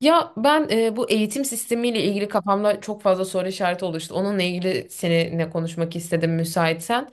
Ya ben bu eğitim sistemiyle ilgili kafamda çok fazla soru işareti oluştu. Onunla ilgili seninle konuşmak istedim müsaitsen.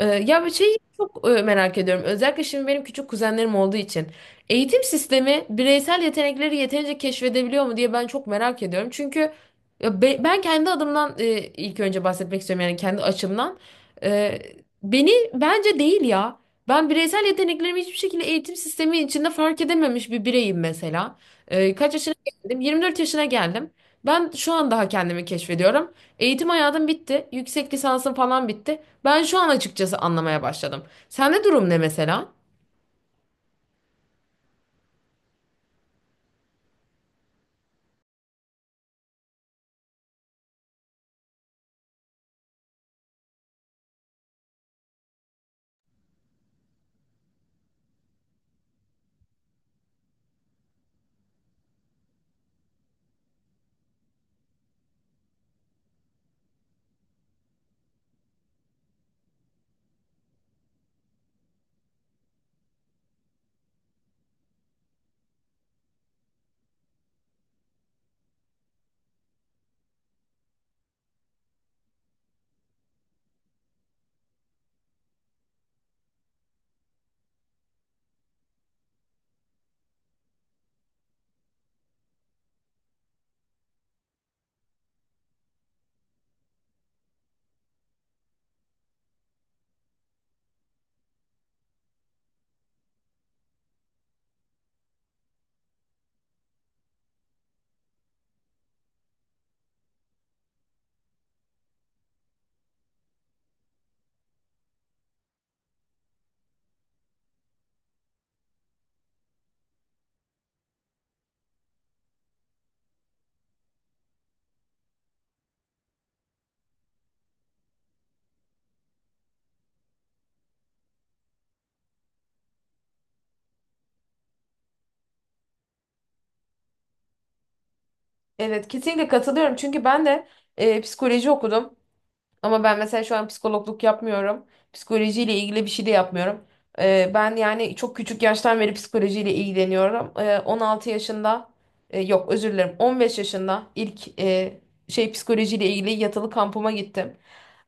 Ya bir şeyi çok merak ediyorum. Özellikle şimdi benim küçük kuzenlerim olduğu için. Eğitim sistemi bireysel yetenekleri yeterince keşfedebiliyor mu diye ben çok merak ediyorum. Çünkü ya ben kendi adımdan ilk önce bahsetmek istiyorum yani kendi açımdan. Ee, beni bence değil ya. Ben bireysel yeteneklerimi hiçbir şekilde eğitim sistemi içinde fark edememiş bir bireyim mesela. Kaç yaşına geldim? 24 yaşına geldim. Ben şu an daha kendimi keşfediyorum. Eğitim hayatım bitti. Yüksek lisansım falan bitti. Ben şu an açıkçası anlamaya başladım. Sende durum ne mesela? Evet, kesinlikle katılıyorum. Çünkü ben de psikoloji okudum. Ama ben mesela şu an psikologluk yapmıyorum. Psikolojiyle ilgili bir şey de yapmıyorum. Ben yani çok küçük yaştan beri psikolojiyle ilgileniyorum. 16 yaşında yok özür dilerim 15 yaşında ilk psikolojiyle ilgili yatılı kampıma gittim.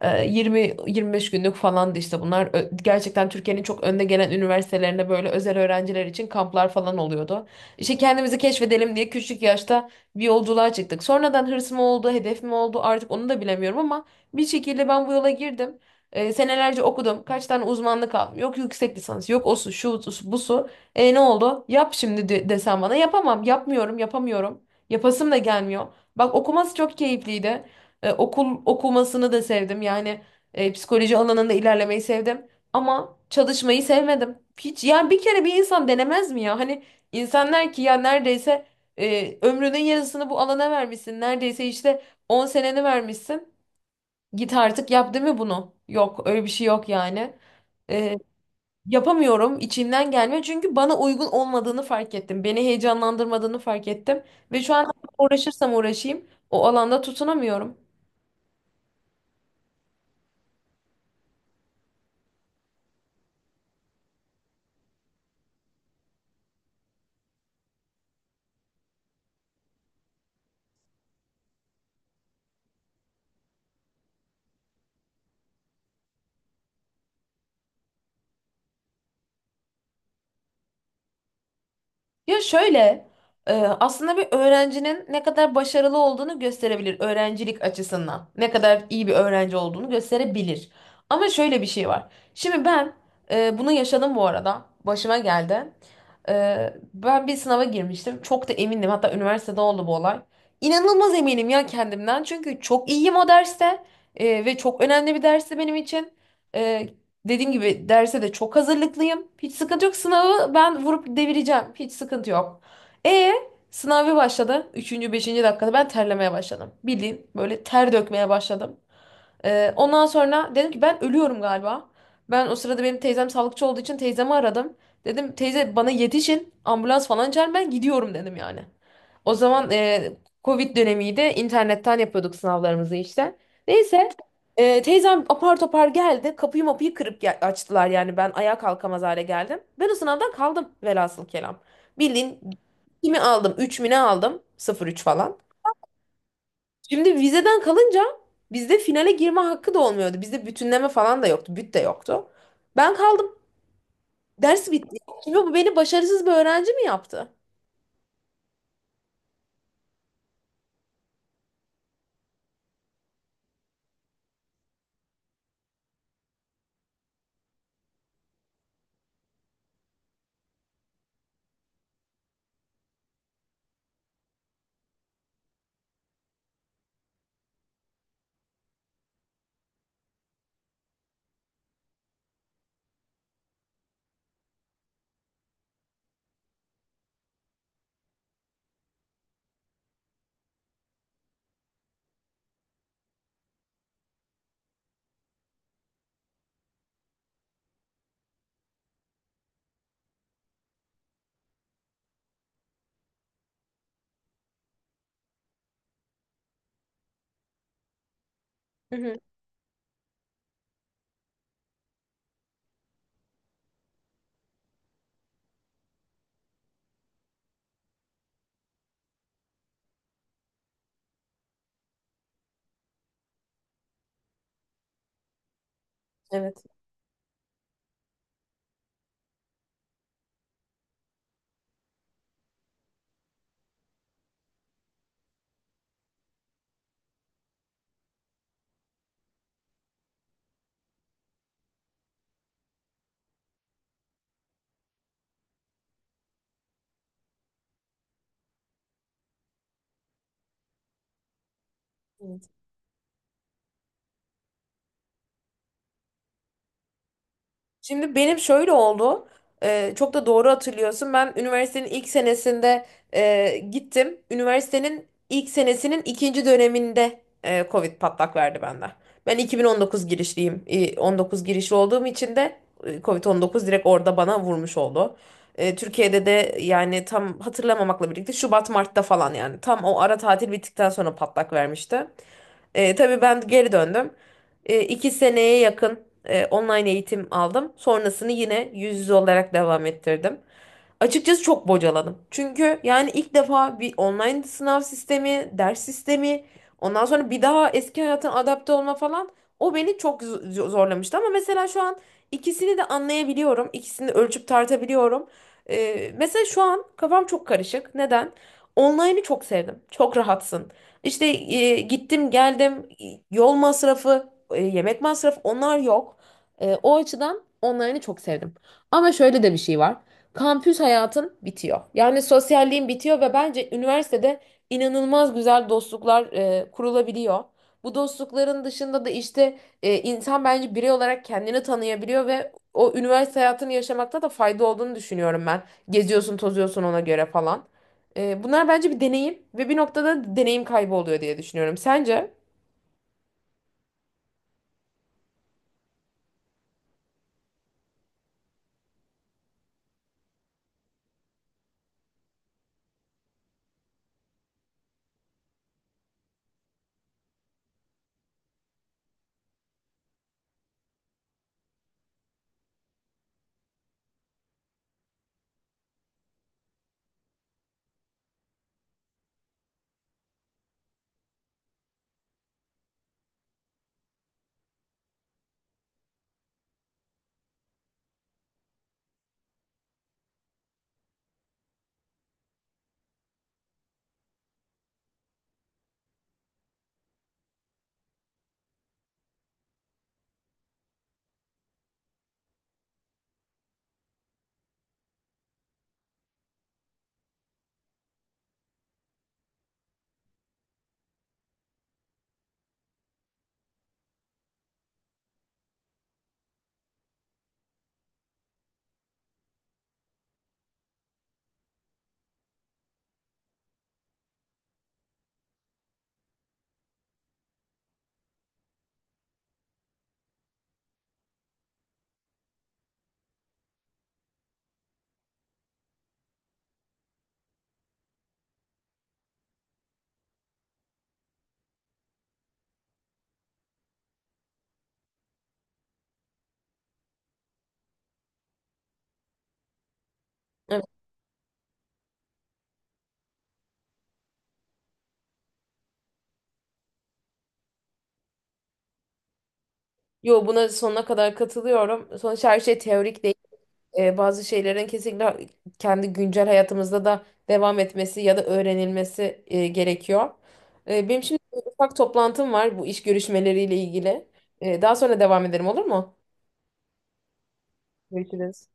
20 25 günlük falandı işte bunlar. Gerçekten Türkiye'nin çok önde gelen üniversitelerinde böyle özel öğrenciler için kamplar falan oluyordu. İşte kendimizi keşfedelim diye küçük yaşta bir yolculuğa çıktık. Sonradan hırs mı oldu, hedef mi oldu artık onu da bilemiyorum ama bir şekilde ben bu yola girdim. Senelerce okudum. Kaç tane uzmanlık aldım. Yok yüksek lisans, yok o su, şu su, bu su. E ne oldu? Yap şimdi de, desem bana. Yapamam, yapmıyorum, yapamıyorum. Yapasım da gelmiyor. Bak okuması çok keyifliydi. Okul okumasını da sevdim. Yani psikoloji alanında ilerlemeyi sevdim. Ama çalışmayı sevmedim. Hiç yani bir kere bir insan denemez mi ya? Hani insanlar ki ya neredeyse ömrünün yarısını bu alana vermişsin. Neredeyse işte 10 seneni vermişsin. Git artık yap değil mi bunu? Yok öyle bir şey yok yani. Ee, yapamıyorum içimden gelmiyor çünkü bana uygun olmadığını fark ettim. Beni heyecanlandırmadığını fark ettim. Ve şu an uğraşırsam uğraşayım o alanda tutunamıyorum. Ya şöyle, aslında bir öğrencinin ne kadar başarılı olduğunu gösterebilir öğrencilik açısından. Ne kadar iyi bir öğrenci olduğunu gösterebilir. Ama şöyle bir şey var. Şimdi ben bunu yaşadım bu arada. Başıma geldi. E, ben bir sınava girmiştim. Çok da emindim. Hatta üniversitede oldu bu olay. İnanılmaz eminim ya kendimden. Çünkü çok iyiyim o derste. Ve çok önemli bir dersti benim için. E, dediğim gibi derse de çok hazırlıklıyım. Hiç sıkıntı yok. Sınavı ben vurup devireceğim. Hiç sıkıntı yok. E sınav bir başladı. Üçüncü, beşinci dakikada ben terlemeye başladım. Bildiğin böyle ter dökmeye başladım. Ondan sonra dedim ki ben ölüyorum galiba. Ben o sırada benim teyzem sağlıkçı olduğu için teyzemi aradım. Dedim teyze bana yetişin ambulans falan çağırın ben gidiyorum dedim yani. O zaman Covid dönemiydi internetten yapıyorduk sınavlarımızı işte. Neyse teyzem apar topar geldi kapıyı mapıyı kırıp açtılar yani ben ayağa kalkamaz hale geldim. Ben o sınavdan kaldım velhasıl kelam. Bildiğin kimi aldım 3 mü ne aldım sıfır üç falan. Şimdi vizeden kalınca bizde finale girme hakkı da olmuyordu. Bizde bütünleme falan da yoktu. Büt de yoktu. Ben kaldım. Ders bitti. Şimdi bu beni başarısız bir öğrenci mi yaptı? Hı hı. Evet. Hı. Şimdi benim şöyle oldu. Çok da doğru hatırlıyorsun. Ben üniversitenin ilk senesinde gittim. Üniversitenin ilk senesinin ikinci döneminde Covid patlak verdi bende. Ben 2019 girişliyim. 19 girişli olduğum için de Covid-19 direkt orada bana vurmuş oldu. Türkiye'de de yani tam hatırlamamakla birlikte Şubat Mart'ta falan yani tam o ara tatil bittikten sonra patlak vermişti. Tabii ben geri döndüm. İki seneye yakın online eğitim aldım. Sonrasını yine yüz yüze olarak devam ettirdim. Açıkçası çok bocaladım. Çünkü yani ilk defa bir online sınav sistemi, ders sistemi, ondan sonra bir daha eski hayatına adapte olma falan o beni çok zorlamıştı. Ama mesela şu an ikisini de anlayabiliyorum. İkisini de ölçüp tartabiliyorum. Mesela şu an kafam çok karışık. Neden? Online'ı çok sevdim. Çok rahatsın. İşte gittim geldim yol masrafı, yemek masrafı onlar yok. O açıdan online'ı çok sevdim. Ama şöyle de bir şey var. Kampüs hayatın bitiyor. Yani sosyalliğin bitiyor ve bence üniversitede inanılmaz güzel dostluklar kurulabiliyor. Bu dostlukların dışında da işte insan bence birey olarak kendini tanıyabiliyor ve o üniversite hayatını yaşamakta da fayda olduğunu düşünüyorum ben. Geziyorsun, tozuyorsun ona göre falan. Bunlar bence bir deneyim ve bir noktada deneyim kaybı oluyor diye düşünüyorum. Sence? Evet. Yo buna sonuna kadar katılıyorum. Sonuçta her şey teorik değil. Bazı şeylerin kesinlikle kendi güncel hayatımızda da devam etmesi ya da öğrenilmesi gerekiyor. Benim şimdi bir ufak toplantım var bu iş görüşmeleriyle ilgili. Daha sonra devam ederim olur mu? Görüşürüz.